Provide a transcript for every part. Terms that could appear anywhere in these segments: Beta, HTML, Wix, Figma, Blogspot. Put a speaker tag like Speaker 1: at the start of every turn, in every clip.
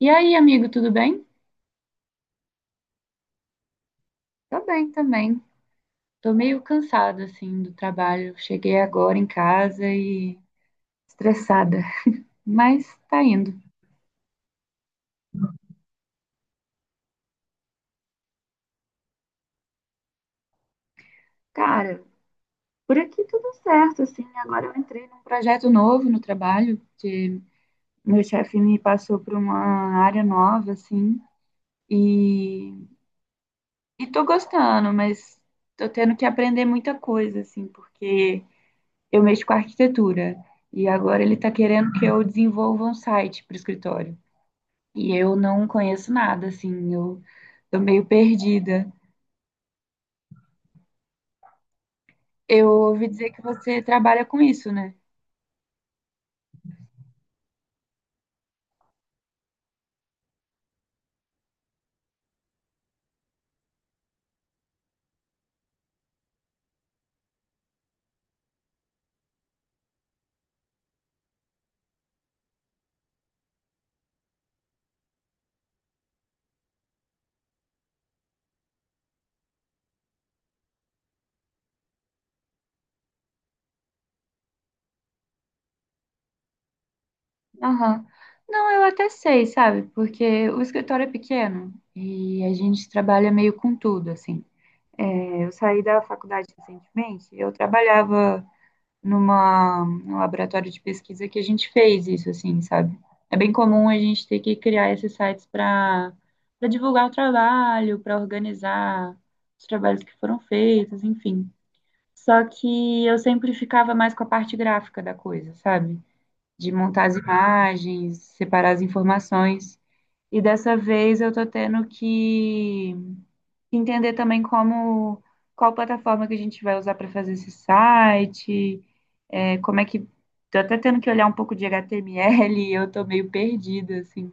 Speaker 1: E aí, amigo, tudo bem? Tô bem também. Tô meio cansada, assim, do trabalho. Cheguei agora em casa e... estressada. Mas tá indo. Cara, por aqui tudo certo, assim. Agora eu entrei num projeto novo no trabalho, que meu chefe me passou para uma área nova, assim, e... e tô gostando, mas tô tendo que aprender muita coisa, assim, porque eu mexo com arquitetura e agora ele tá querendo que eu desenvolva um site para o escritório. E eu não conheço nada, assim, eu tô meio perdida. Eu ouvi dizer que você trabalha com isso, né? Aham. Não, eu até sei, sabe? Porque o escritório é pequeno e a gente trabalha meio com tudo, assim. É, eu saí da faculdade recentemente, eu trabalhava. Num laboratório de pesquisa que a gente fez isso, assim, sabe? É bem comum a gente ter que criar esses sites para divulgar o trabalho, para organizar os trabalhos que foram feitos, enfim. Só que eu sempre ficava mais com a parte gráfica da coisa, sabe? De montar as imagens, separar as informações. E dessa vez eu tô tendo que entender também como qual plataforma que a gente vai usar para fazer esse site, como é que. Tô até tendo que olhar um pouco de HTML, eu tô meio perdida, assim.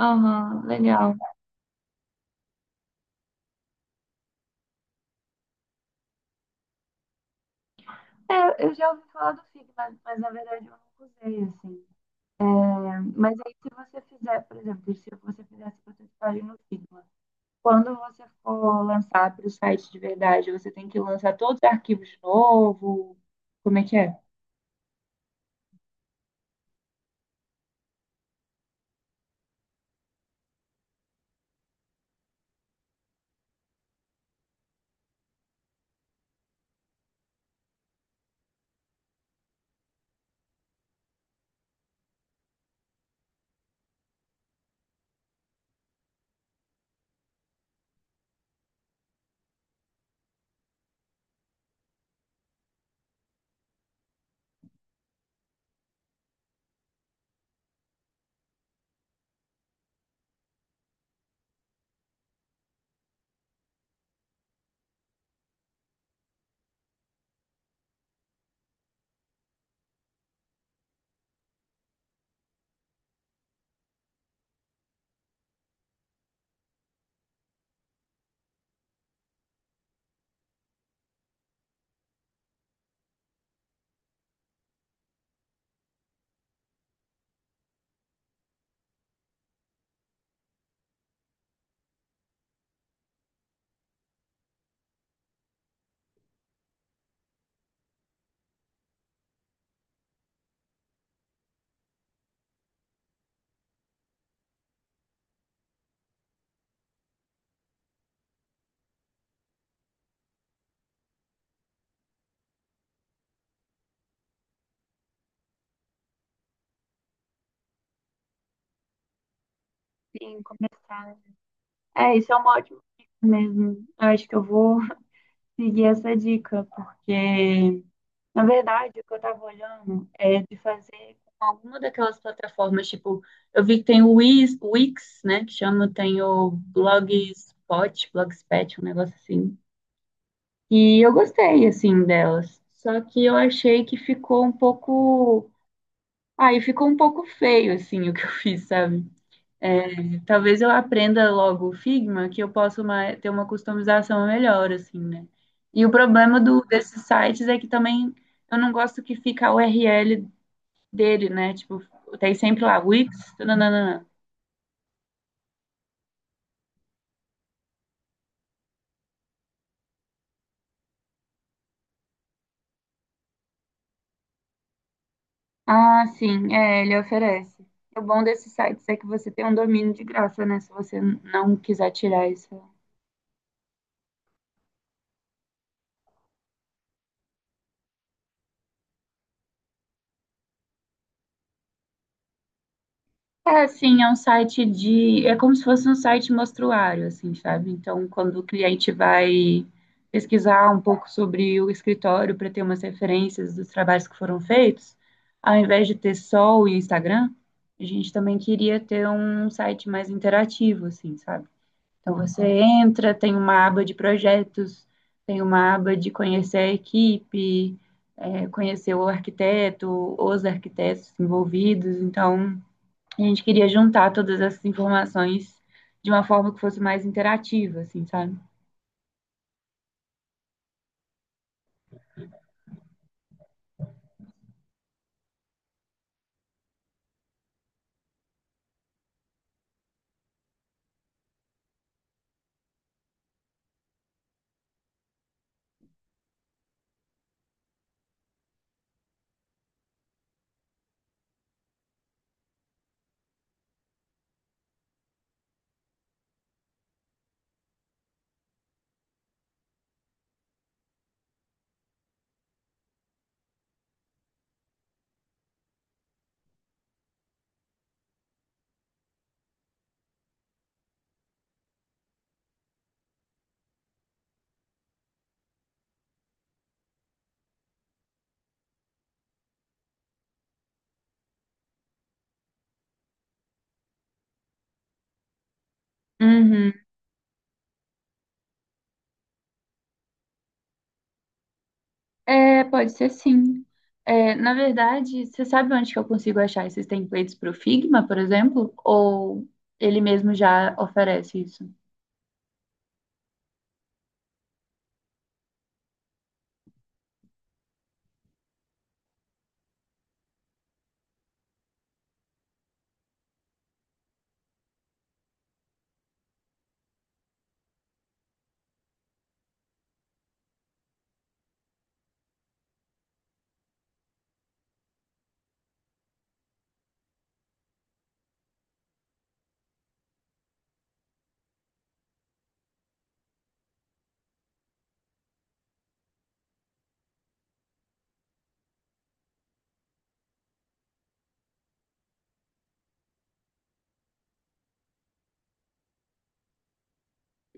Speaker 1: Aham, legal. É, eu já ouvi falar do Figma, mas, na verdade eu nunca usei, assim, né? Mas aí se você fizer, por exemplo, se você fizesse prototipagem no Figma, quando você for lançar para o site de verdade, você tem que lançar todos os arquivos de novo? Como é que é? Sim, começar. É, isso é uma ótima dica mesmo. Eu acho que eu vou seguir essa dica, porque, na verdade, o que eu tava olhando é de fazer com alguma daquelas plataformas, tipo, eu vi que tem o Wix, né, que chama, tem o Blogspot, um negócio assim. E eu gostei, assim, delas. Só que eu achei que ficou um pouco... Aí ficou um pouco feio, assim, o que eu fiz, sabe? É, talvez eu aprenda logo o Figma, que eu posso ter uma customização melhor, assim, né? E o problema desses sites é que também eu não gosto que fica a URL dele, né? Tipo, tem sempre lá, Wix, nananana. Ah, sim, é, ele oferece. O bom desses sites é que você tem um domínio de graça, né? Se você não quiser tirar isso. É, assim, é um site de. É como se fosse um site mostruário, assim, sabe? Então, quando o cliente vai pesquisar um pouco sobre o escritório para ter umas referências dos trabalhos que foram feitos, ao invés de ter só o Instagram, a gente também queria ter um site mais interativo, assim, sabe? Então, você entra, tem uma aba de projetos, tem uma aba de conhecer a equipe, conhecer o arquiteto, os arquitetos envolvidos. Então, a gente queria juntar todas essas informações de uma forma que fosse mais interativa, assim, sabe? Uhum. É, pode ser sim. É, na verdade, você sabe onde que eu consigo achar esses templates para o Figma, por exemplo? Ou ele mesmo já oferece isso?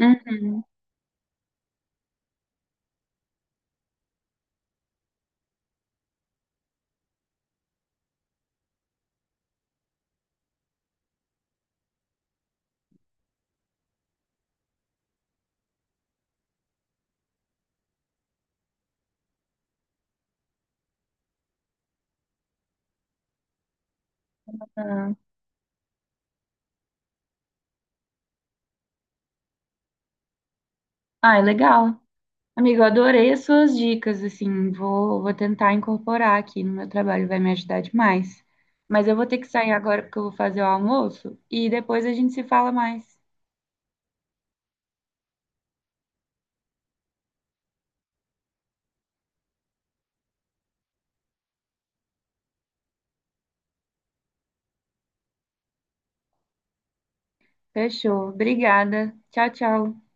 Speaker 1: Uhum. Tá. Ah, é legal. Amigo, eu adorei as suas dicas, assim, vou tentar incorporar aqui no meu trabalho, vai me ajudar demais. Mas eu vou ter que sair agora porque eu vou fazer o almoço e depois a gente se fala mais. Fechou. Obrigada. Tchau, tchau.